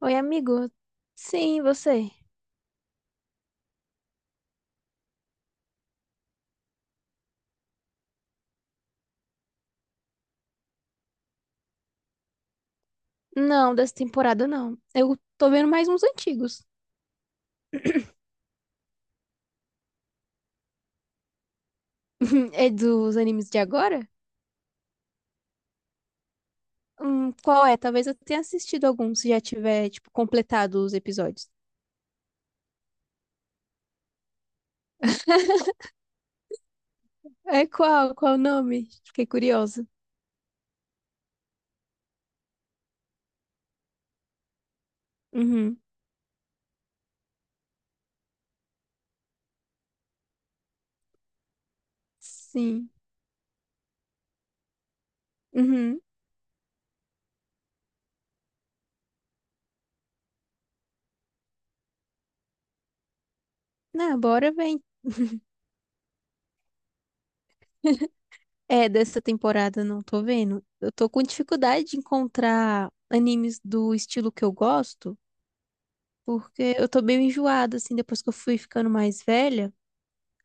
Oi, amigo. Sim, você? Não, dessa temporada não. Eu tô vendo mais uns antigos. É dos animes de agora? Qual é? Talvez eu tenha assistido algum, se já tiver, tipo, completado os episódios. É qual? Qual o nome? Fiquei curiosa. Uhum. Sim. Uhum. Ah, bora vem. É, dessa temporada não tô vendo. Eu tô com dificuldade de encontrar animes do estilo que eu gosto, porque eu tô meio enjoada, assim, depois que eu fui ficando mais velha.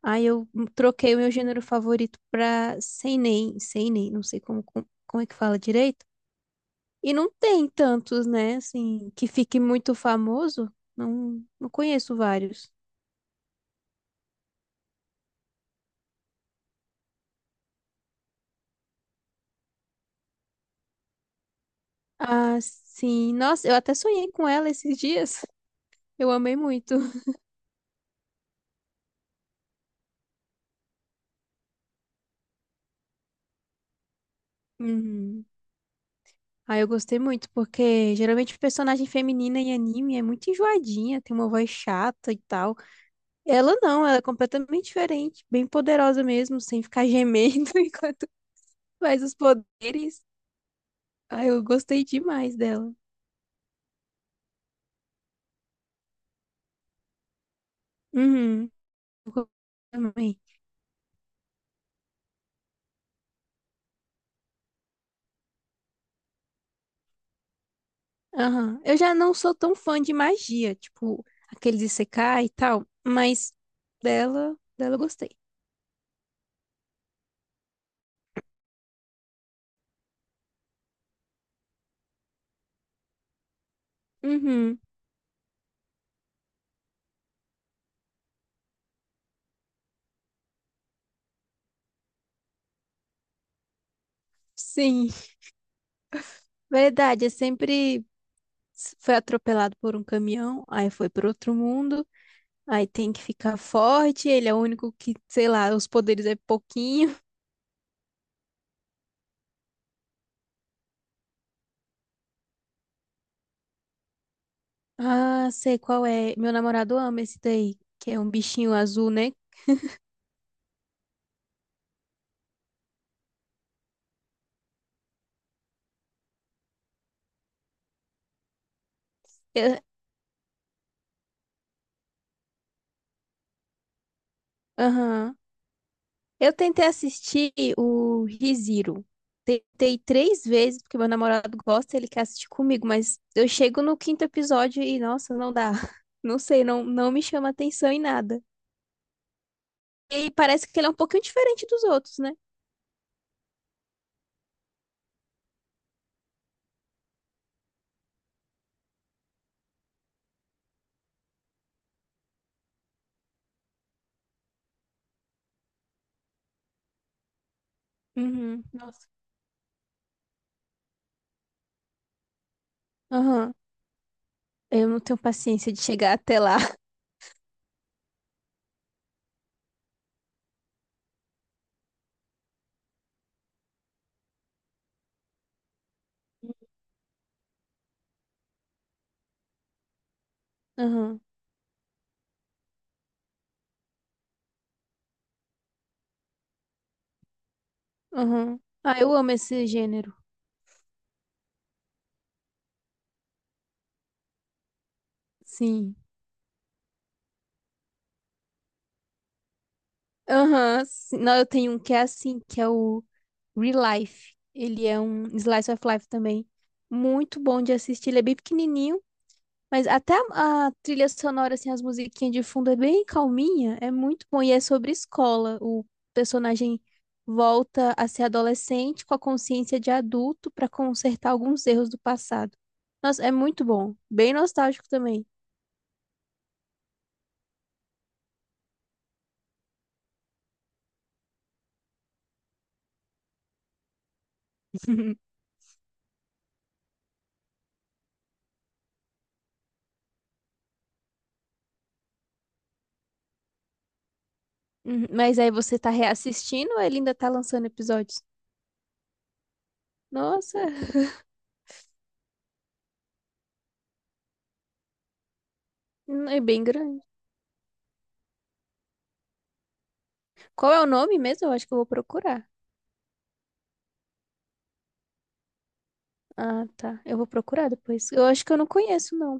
Aí eu troquei o meu gênero favorito pra seinen, seinen, não sei como é que fala direito. E não tem tantos, né, assim, que fique muito famoso. Não, não conheço vários. Ah, sim. Nossa, eu até sonhei com ela esses dias. Eu amei muito. Uhum. Ah, eu gostei muito, porque geralmente personagem feminina em anime é muito enjoadinha, tem uma voz chata e tal. Ela não, ela é completamente diferente, bem poderosa mesmo, sem ficar gemendo enquanto. Mas os poderes, ah, eu gostei demais dela. Uhum. Também. Aham. Eu já não sou tão fã de magia, tipo, aqueles Isekai e tal, mas dela eu gostei. Uhum. Sim. Verdade, é sempre foi atropelado por um caminhão, aí foi para outro mundo, aí tem que ficar forte, ele é o único que, sei lá, os poderes é pouquinho. Ah, sei qual é. Meu namorado ama esse daí, que é um bichinho azul, né? É- Aham. Eu tentei assistir o ReZero. Tentei três vezes, porque meu namorado gosta, ele quer assistir comigo, mas eu chego no quinto episódio e, nossa, não dá. Não sei, não, não me chama atenção em nada. E parece que ele é um pouquinho diferente dos outros, né? Uhum, nossa. Aham. Eu não tenho paciência de chegar até lá. Aham, aham. Ah, eu amo esse gênero. Sim. Aham, sim. Não, eu tenho um que é assim, que é o Real Life. Ele é um slice of life também. Muito bom de assistir. Ele é bem pequenininho, mas até a trilha sonora, assim, as musiquinhas de fundo é bem calminha. É muito bom. E é sobre escola. O personagem volta a ser adolescente com a consciência de adulto para consertar alguns erros do passado. Nossa, é muito bom. Bem nostálgico também. Uhum, Mas aí você tá reassistindo ou ele ainda tá lançando episódios? Nossa. É bem grande. Qual é o nome mesmo? Eu acho que eu vou procurar. Ah, tá. Eu vou procurar depois. Eu acho que eu não conheço, não.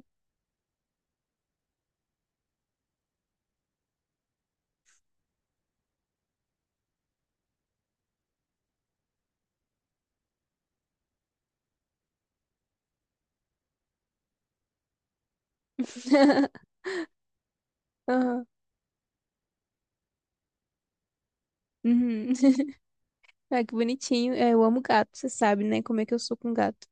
Aham. Uhum. Ah, que bonitinho. É, eu amo gato, você sabe, né? Como é que eu sou com gato.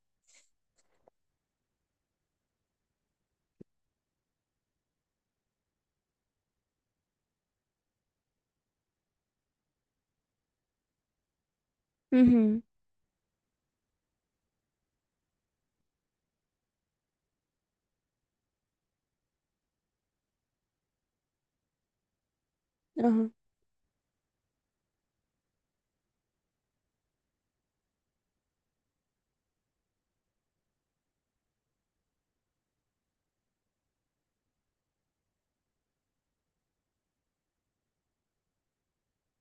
Uhum. Aham.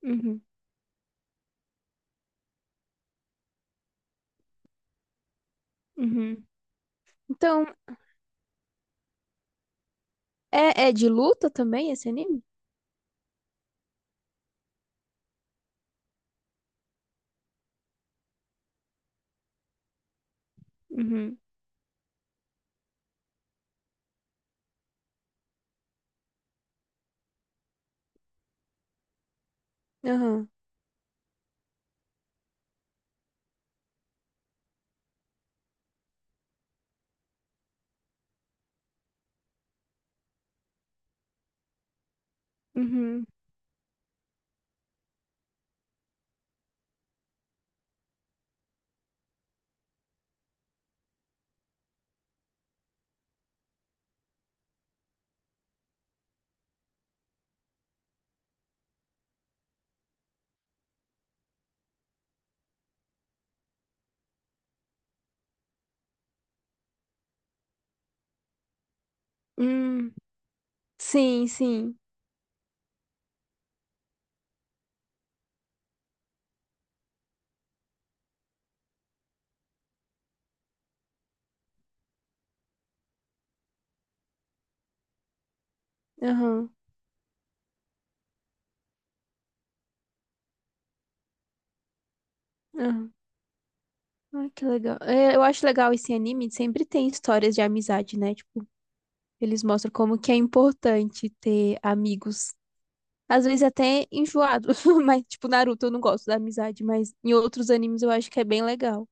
Uhum. Uhum. Então, é de luta também esse anime? Uhum. Aham. Uhum. Hum. Sim, sim. Aham. Aham. Ai, que legal. É, eu acho legal esse anime, sempre tem histórias de amizade, né? Tipo, eles mostram como que é importante ter amigos. Às vezes até enjoado, mas tipo Naruto eu não gosto da amizade, mas em outros animes eu acho que é bem legal.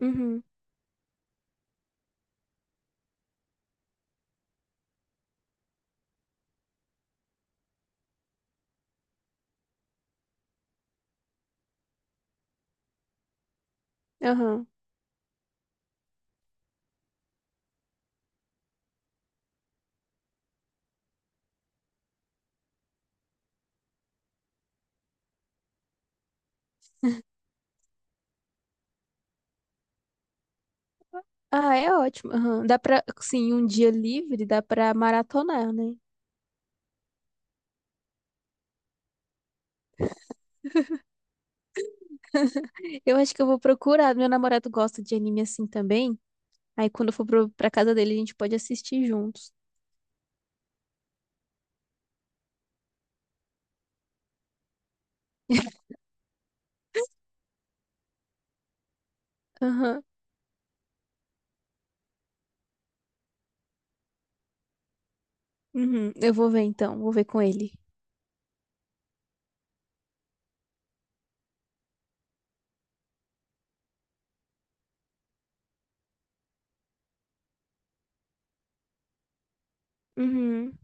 Uhum. Aham. Ah, é ótimo. Aham. Dá pra, sim, um dia livre dá pra maratonar, né? Eu acho que eu vou procurar. Meu namorado gosta de anime assim também. Aí quando eu for pra casa dele, a gente pode assistir juntos. Aham. Uhum. Eu vou ver então, vou ver com ele. Uhum.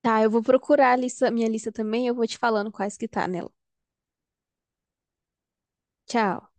Tá, eu vou procurar a lista, minha lista também, eu vou te falando quais que tá nela. Tchau.